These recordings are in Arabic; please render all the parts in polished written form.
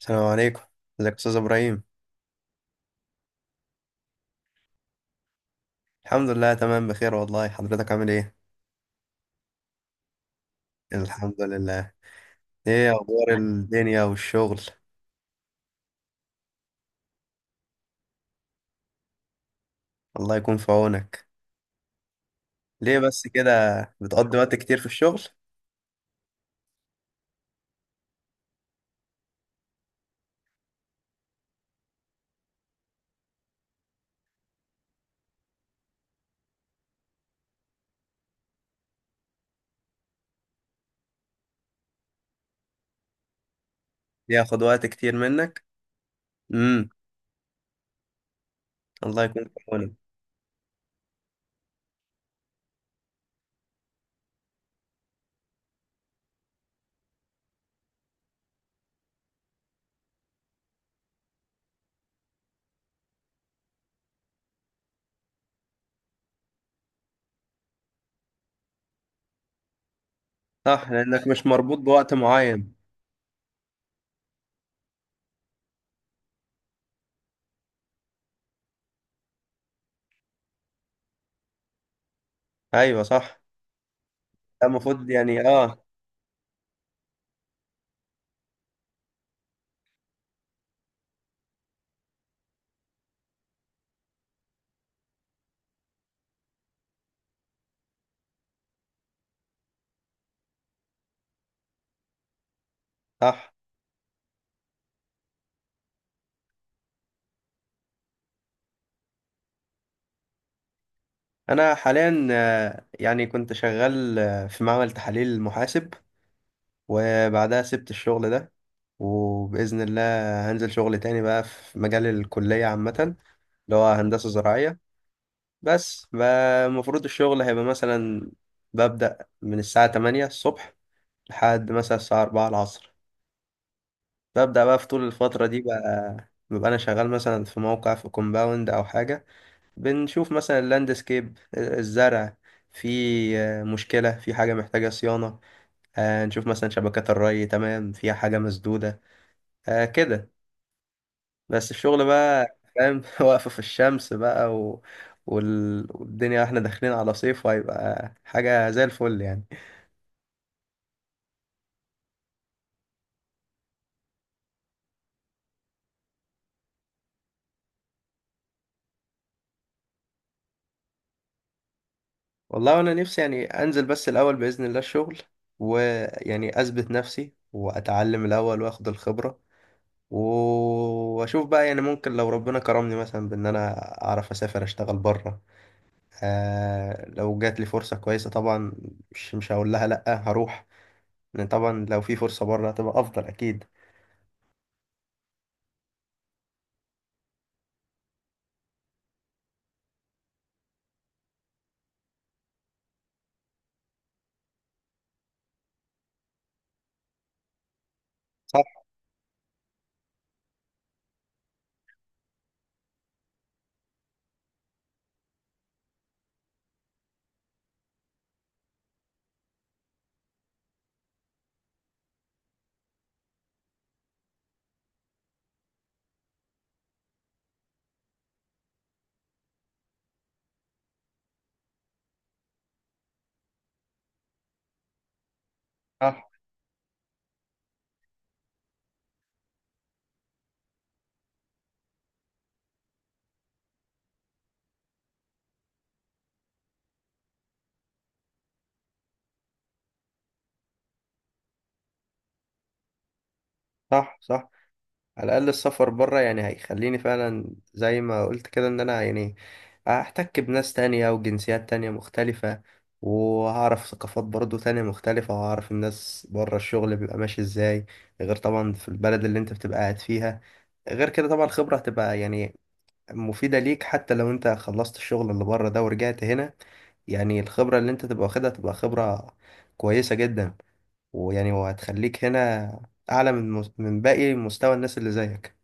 السلام عليكم، ازيك يا استاذ ابراهيم؟ الحمد لله تمام، بخير والله، حضرتك عامل ايه؟ الحمد لله. ايه اخبار الدنيا والشغل؟ الله يكون في عونك. ليه بس كده؟ بتقضي وقت كتير في الشغل؟ بياخد وقت كتير منك. امم. الله يكون في عونك. صح، لانك مش مربوط بوقت معين. ايوه، صح. ده المفروض يعني، اه. صح. انا حاليا يعني كنت شغال في معمل تحاليل محاسب. وبعدها سبت الشغل ده. وبإذن الله هنزل شغل تاني بقى في مجال الكلية عامة، اللي هو هندسة زراعية. بس بقى المفروض الشغل هيبقى مثلا ببدأ من الساعة 8 الصبح لحد مثلا الساعة 4 العصر. ببدأ بقى في طول الفترة دي بقى. ببقى أنا شغال مثلا في موقع في كومباوند أو حاجة. بنشوف مثلا اللاندسكيب الزرع. في مشكلة في حاجة محتاجة صيانة. نشوف مثلا شبكات الري تمام فيها حاجة مسدودة. كده. بس الشغل بقى فاهم واقفة في الشمس بقى والدنيا احنا داخلين على صيف وهيبقى حاجة زي الفل يعني. والله انا نفسي يعني انزل بس الاول بإذن الله الشغل. ويعني اثبت نفسي واتعلم الاول واخد الخبرة. و- واشوف بقى يعني ممكن لو ربنا كرمني مثلا بان انا اعرف اسافر اشتغل بره. آه، لو جات لي فرصة كويسة طبعا مش هقول لها لا، هروح. لان طبعا لو في فرصة بره هتبقى افضل اكيد. صح، صح، صح، صح. على الأقل السفر بره يعني هيخليني فعلا زي ما قلت كده إن أنا يعني هحتك بناس تانية وجنسيات تانية مختلفة، وهعرف ثقافات برضو تانية مختلفة، وهعرف الناس بره الشغل بيبقى ماشي إزاي، غير طبعا في البلد اللي أنت بتبقى قاعد فيها. غير كده طبعا الخبرة هتبقى يعني مفيدة ليك حتى لو أنت خلصت الشغل اللي بره ده ورجعت هنا. يعني الخبرة اللي أنت تبقى واخدها تبقى خبرة كويسة جدا. ويعني وهتخليك هنا أعلى من من باقي مستوى الناس اللي زيك.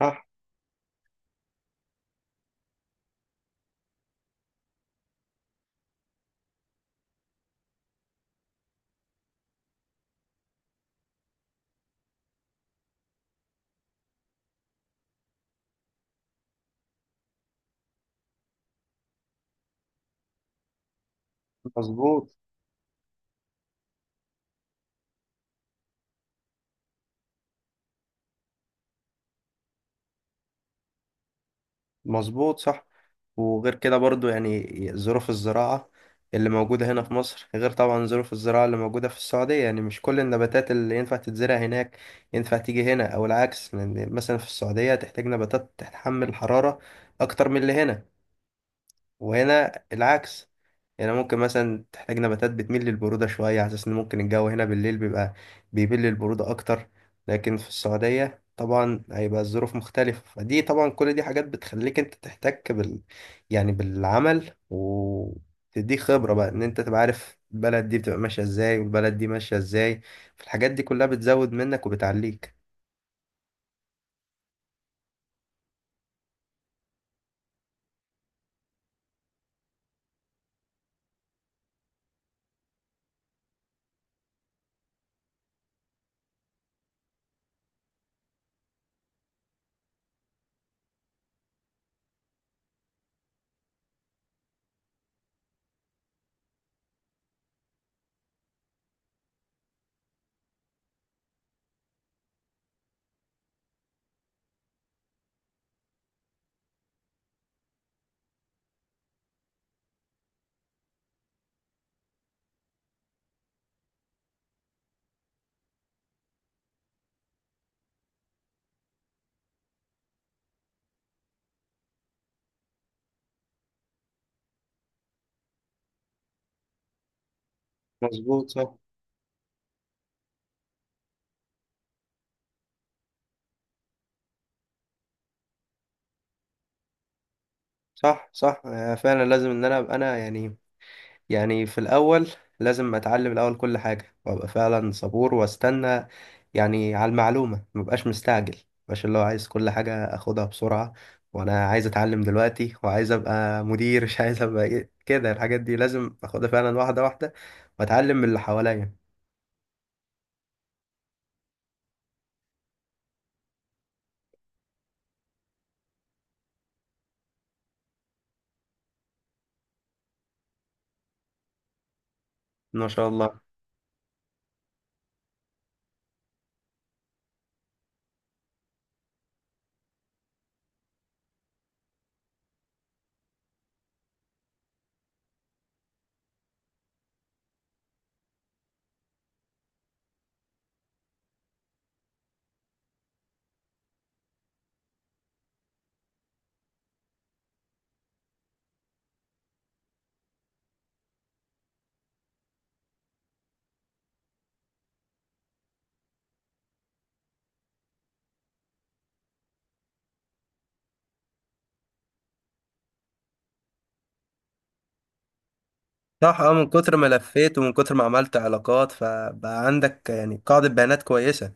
صح. مظبوط، مظبوط، صح. وغير كده برضو يعني ظروف الزراعة اللي موجودة هنا في مصر غير طبعا ظروف الزراعة اللي موجودة في السعودية، يعني مش كل النباتات اللي ينفع تتزرع هناك ينفع تيجي هنا أو العكس، لأن مثلا في السعودية تحتاج نباتات تتحمل الحرارة أكتر من اللي هنا، وهنا العكس. هنا ممكن مثلا تحتاج نباتات بتميل للبرودة شوية، على أساس إن ممكن الجو هنا بالليل بيبقى بيميل للبرودة أكتر. لكن في السعودية طبعا هيبقى الظروف مختلفة، فدي طبعا كل دي حاجات بتخليك أنت تحتك بال، يعني بالعمل، وتديك خبرة بقى إن أنت تبقى عارف البلد دي بتبقى ماشية إزاي والبلد دي ماشية إزاي. فالحاجات دي كلها بتزود منك وبتعليك. مظبوط، صح، صح، صح، فعلا لازم إن أنا أبقى أنا يعني. يعني في الأول لازم أتعلم الأول كل حاجة وأبقى فعلا صبور وأستنى، يعني على المعلومة مبقاش مستعجل. مبقاش اللي هو عايز كل حاجة أخدها بسرعة، وأنا عايز أتعلم دلوقتي وعايز أبقى مدير. مش عايز أبقى إيه كده. الحاجات دي لازم أخدها فعلا واحدة واحدة، وأتعلم من اللي حواليا. ما شاء الله. صح، اه، من كتر ما لفيت ومن كتر ما عملت علاقات فبقى عندك يعني قاعدة بيانات كويسة.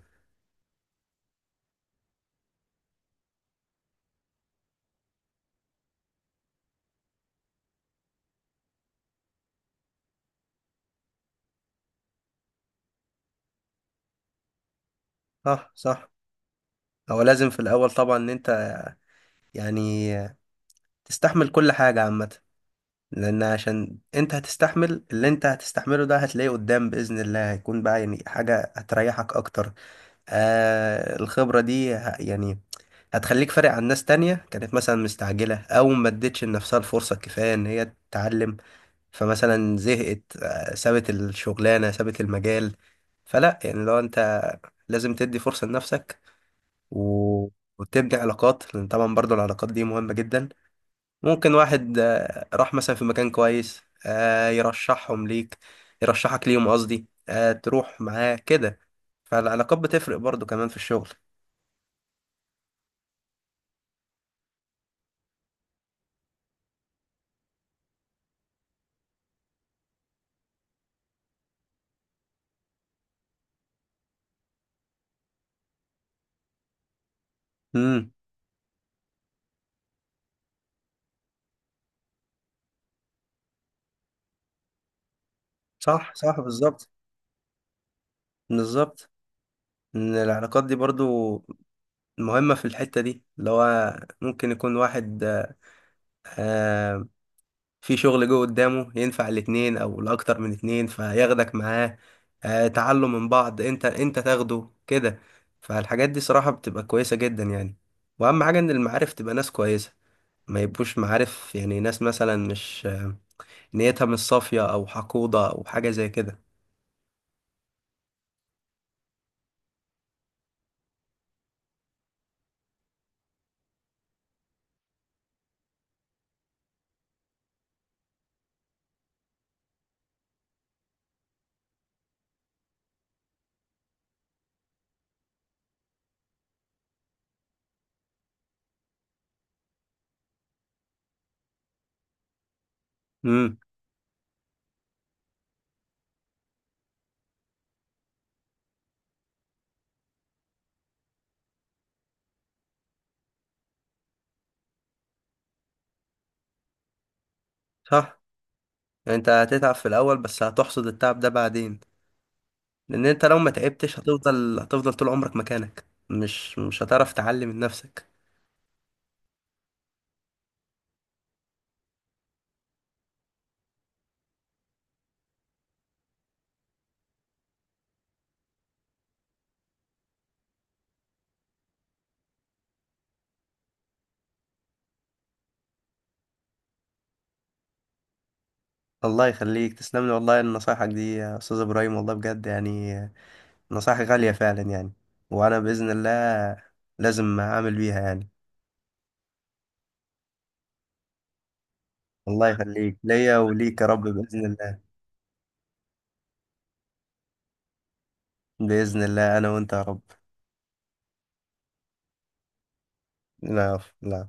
صح، صح. هو لازم في الأول طبعا إن أنت يعني تستحمل كل حاجة عامة، لان عشان انت هتستحمل اللي انت هتستحمله ده هتلاقيه قدام باذن الله، هيكون بقى يعني حاجه هتريحك اكتر. آه، الخبره دي يعني هتخليك فارق عن ناس تانية كانت مثلا مستعجله او ما ادتش لنفسها الفرصه الكفايه ان هي تتعلم. فمثلا زهقت، سابت الشغلانه، سابت المجال. فلا يعني لو انت لازم تدي فرصه لنفسك، و... وتبني علاقات، لان طبعا برضو العلاقات دي مهمه جدا. ممكن واحد راح مثلا في مكان كويس، يرشحهم ليك، يرشحك ليهم قصدي، تروح معاه كده. فالعلاقات بتفرق برضو كمان في الشغل. امم. صح، صح، بالظبط. بالظبط، ان العلاقات دي برضو مهمة في الحتة دي، اللي هو ممكن يكون واحد آه، في شغل جوه قدامه ينفع الاتنين او لاكتر من اتنين، فياخدك معاه، تعلم من بعض، انت تاخده كده. فالحاجات دي صراحة بتبقى كويسة جدا يعني. واهم حاجة ان المعارف تبقى ناس كويسة، ما يبقوش معارف يعني ناس مثلا مش نيتها مش صافية او حقودة او حاجة زي كده. امم. صح. انت هتتعب في الاول بس هتحصد التعب ده بعدين. لان انت لو ما تعبتش هتفضل طول عمرك مكانك، مش هتعرف تعلي من نفسك. الله يخليك، تسلم لي والله نصايحك دي يا استاذ ابراهيم، والله بجد يعني نصايح غالية فعلا يعني. وانا باذن الله لازم اعمل بيها يعني. الله يخليك ليا وليك يا رب باذن الله. باذن الله انا وانت يا رب. لا، لا.